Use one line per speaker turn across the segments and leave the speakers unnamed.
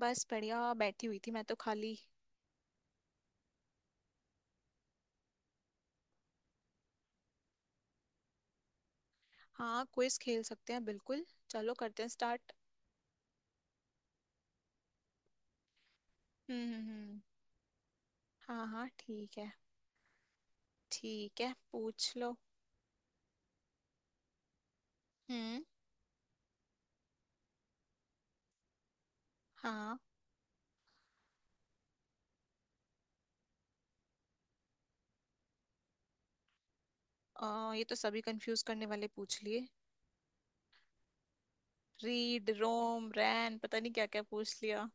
बस बढ़िया बैठी हुई थी मैं तो खाली। हाँ, क्विज खेल सकते हैं, बिल्कुल। चलो करते हैं स्टार्ट। हम्म हम्म हम्म। हाँ हाँ, ठीक है। ठीक है, पूछ लो। हम्म। हाँ। ये तो सभी कंफ्यूज करने वाले पूछ लिए। रीड रोम रैन पता नहीं क्या क्या पूछ लिया।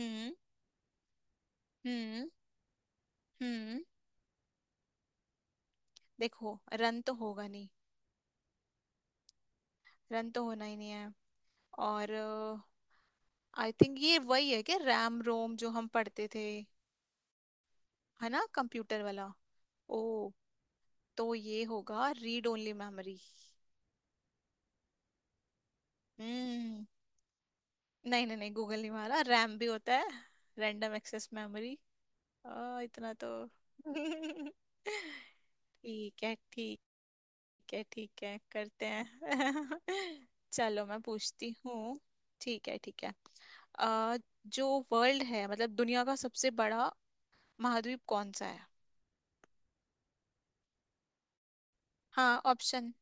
हम्म। हम्म। हम्म। देखो, रन तो होगा नहीं। रन तो होना ही नहीं है। और आई थिंक ये वही है क्या, रैम रोम जो हम पढ़ते थे। है ना, कंप्यूटर वाला। ओ, तो ये होगा रीड ओनली मेमोरी। हम्म। नहीं नहीं नहीं, गूगल नहीं मारा, रैम भी होता है। Random access memory. इतना तो। ठीक है। ठीक है ठीक है करते हैं। चलो मैं पूछती हूँ। ठीक है ठीक है। अ, जो वर्ल्ड है मतलब दुनिया का सबसे बड़ा महाद्वीप कौन सा है। हाँ, ऑप्शन।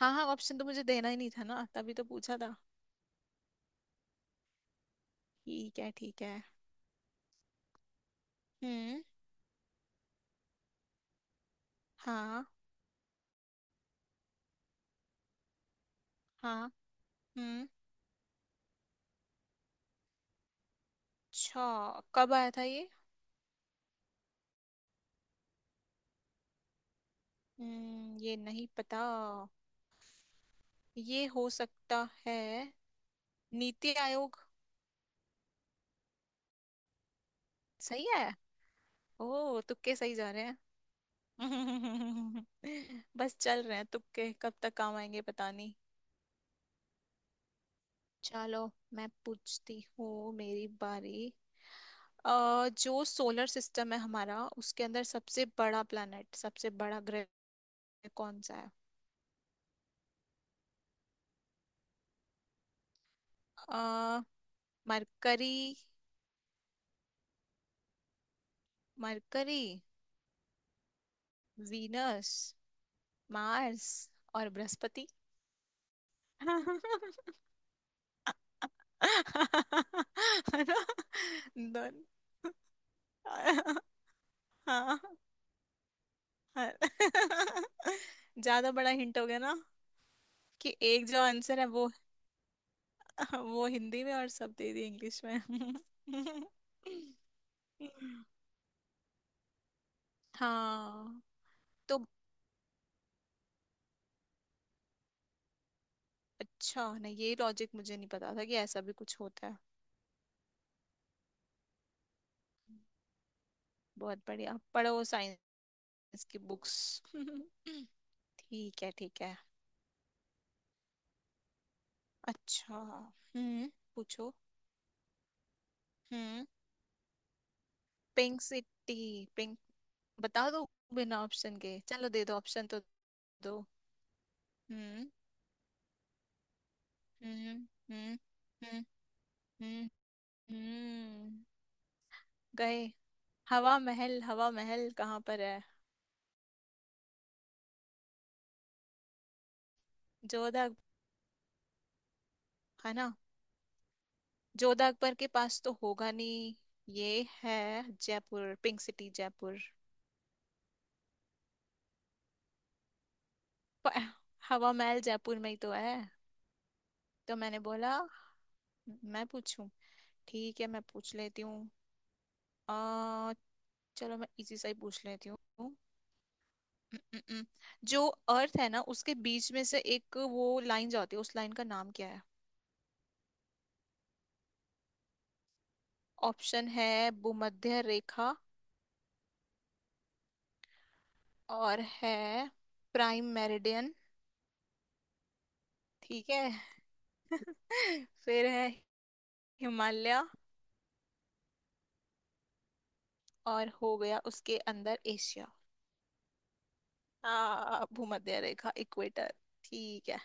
हाँ हाँ, ऑप्शन तो मुझे देना ही नहीं था ना, तभी तो पूछा था। ठीक है ठीक है। हम्म। हाँ। हाँ। हम्म। अच्छा। कब आया था ये। हम्म, ये नहीं पता। ये हो सकता है नीति आयोग। सही है। ओ, तुक्के सही जा रहे हैं। बस चल रहे हैं तुक्के, कब तक काम आएंगे पता नहीं। चलो मैं पूछती हूँ, मेरी बारी। जो सोलर सिस्टम है हमारा, उसके अंदर सबसे बड़ा प्लैनेट, सबसे बड़ा ग्रह कौन सा है। अ मरकरी। मरकरी, वीनस, मार्स और बृहस्पति। है ना। दोनों। हाँ। हाँ। ज्यादा बड़ा हिंट हो गया ना। कि एक जो आंसर है वो हिंदी में, और सब दे दिए इंग्लिश में। हाँ। तो अच्छा, नहीं ये लॉजिक मुझे नहीं पता था कि ऐसा भी कुछ होता है। बहुत बढ़िया, पढ़ो साइंस की बुक्स। ठीक है ठीक है। अच्छा। हम्म पूछो। हम्म। Pink city. पिंक। बता दो बिना ऑप्शन के, चलो दे दो ऑप्शन तो दो। हम्म हम्म हम्म हम्म हम्म हम्म। गए। हवा महल, हवा महल कहाँ पर है। जोधा, है ना। जोधा अकबर के पास तो होगा नहीं। ये है जयपुर, पिंक सिटी जयपुर। प- हवा महल जयपुर में ही तो है। तो मैंने बोला, मैं पूछूं। ठीक है, मैं पूछ लेती हूँ। चलो मैं इजी सा ही पूछ लेती हूँ। हम्म। हम्म। हम्म। जो अर्थ है ना, उसके बीच में से एक वो लाइन जाती है, उस लाइन का नाम क्या है। ऑप्शन है भूमध्य रेखा। और है प्राइम मेरिडियन। ठीक है। फिर है हिमालय। और हो गया उसके अंदर एशिया। आ भूमध्य रेखा, इक्वेटर। ठीक है।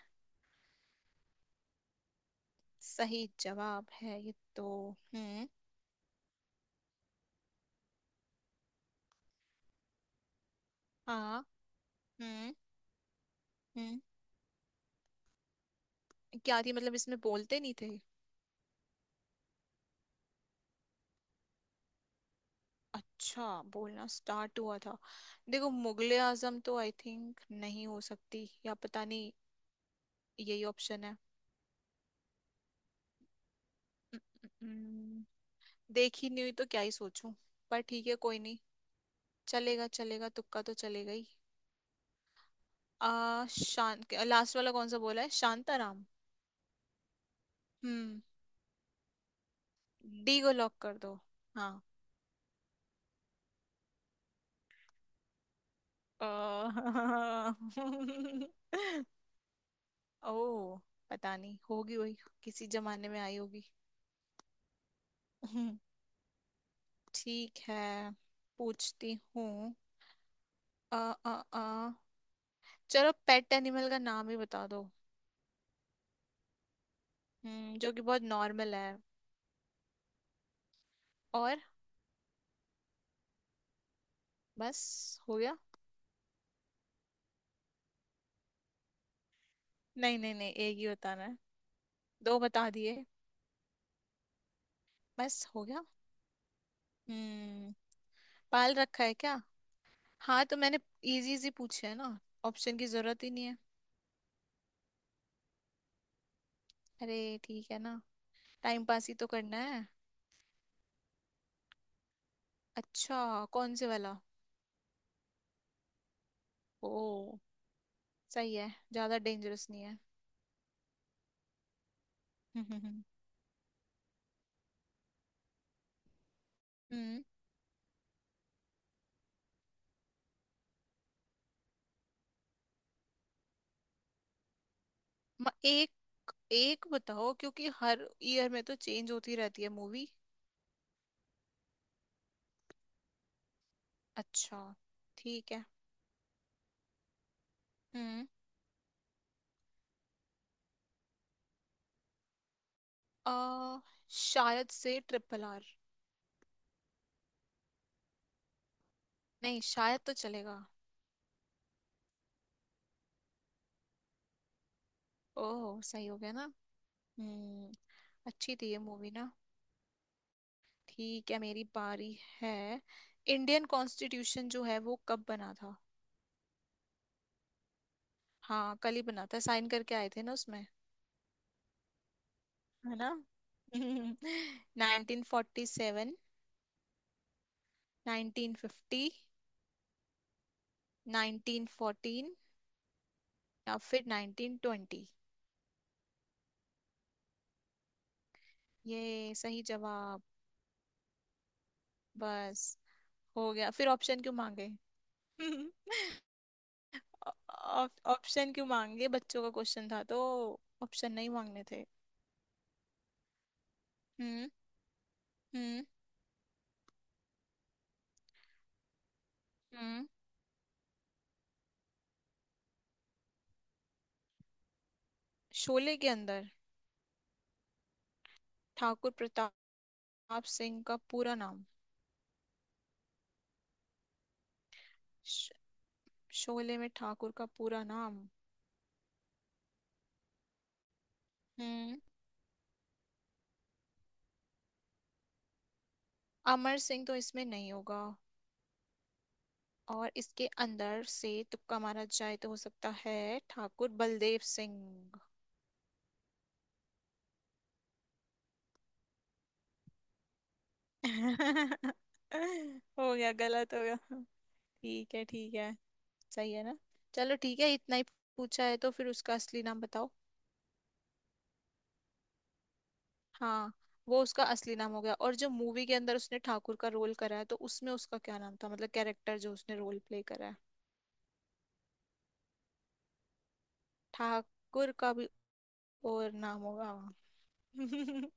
सही जवाब है ये तो। हम्म। हाँ। हम्म। हम्म क्या थी, मतलब इसमें बोलते नहीं थे। अच्छा, बोलना स्टार्ट हुआ था। देखो, मुगले आजम तो आई थिंक नहीं हो सकती, या पता नहीं। यही ऑप्शन है। हम्म, देखी नहीं हुई तो क्या ही सोचूं। पर ठीक है, कोई नहीं। चलेगा चलेगा, तुक्का तो चलेगा ही। आ शांत, लास्ट वाला कौन सा बोला है, शांताराम। हम्म। डी को लॉक कर दो। हाँ। अ- ओ, पता नहीं होगी वही। किसी जमाने में आई होगी। ठीक है, पूछती हूँ। अ अ अ चलो पेट एनिमल का नाम ही बता दो। जो कि बहुत नॉर्मल है। और। बस हो गया। नहीं नहीं नहीं, एक ही बताना है। दो बता दिए। बस हो गया। हम्म। पाल रखा है क्या। हाँ, तो मैंने इजी इजी पूछे है ना। ऑप्शन की जरूरत ही नहीं है। अरे, ठीक है ना। टाइम पास ही तो करना है। अच्छा, कौन से वाला। ओ, सही है, ज्यादा डेंजरस नहीं है। हम्म। एक एक बताओ, क्योंकि हर ईयर में तो चेंज होती रहती है मूवी। अच्छा। ठीक है। हम्म। आ, शायद से ट्रिपल आर। नहीं, शायद तो चलेगा। ओह, सही हो गया ना। हम्म। अच्छी थी ये मूवी ना। ठीक है, मेरी बारी है। इंडियन कॉन्स्टिट्यूशन जो है वो कब बना था। हाँ कल ही बना था, साइन करके आए थे ना उसमें, है ना। 1947, 1950, 1914 या फिर 1920। ये सही जवाब। बस हो गया, फिर ऑप्शन क्यों मांगे। ऑप्शन क्यों मांगे, बच्चों का क्वेश्चन था तो ऑप्शन नहीं मांगने थे। हम्म। हम्म। हम्म। शोले के अंदर। ठाकुर प्रताप सिंह का पूरा नाम। श- शोले में ठाकुर का पूरा नाम। हम्म अमर सिंह तो इसमें नहीं होगा। और इसके अंदर से तुक्का मारा जाए तो हो सकता है ठाकुर बलदेव सिंह। हो गया, गलत हो गया। ठीक है ठीक है, सही है ना। चलो ठीक है, इतना ही पूछा है तो फिर उसका असली नाम बताओ। हाँ, वो उसका असली नाम हो गया, और जो मूवी के अंदर उसने ठाकुर का रोल करा है, तो उसमें उसका क्या नाम था, मतलब कैरेक्टर जो उसने रोल प्ले करा है। ठाकुर का भी और नाम होगा।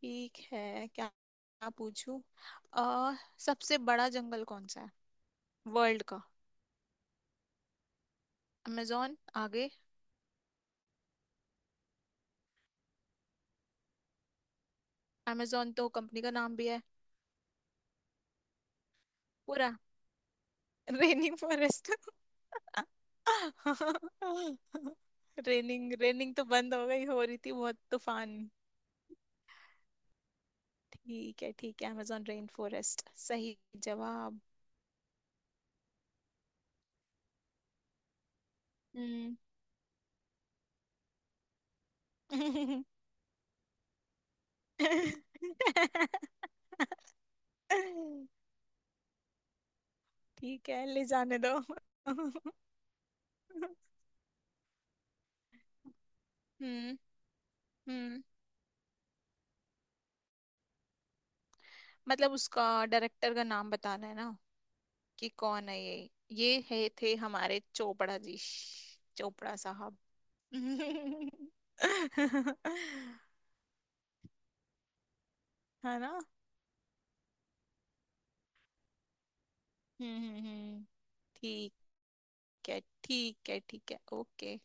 ठीक है, क्या क्या पूछूं। अ सबसे बड़ा जंगल कौन सा है। वर्ल्ड का। अमेजोन। आगे। amazon तो कंपनी का नाम भी है। पूरा। Raining forest. रेनिंग, रेनिंग तो बंद हो गई, हो रही थी बहुत तूफान। ठीक है ठीक है, amazon रेन फॉरेस्ट सही जवाब। हम्म। ठीक है, ले जाने दो। हम्म। हम्म मतलब उसका डायरेक्टर का नाम बताना है ना, कि कौन है ये। ये है थे हमारे चोपड़ा जी, श्श्श, चोपड़ा साहब। हम्म। है ना। हम्म हम्म हम्म, ठीक है। ठीक है ठीक है ओके।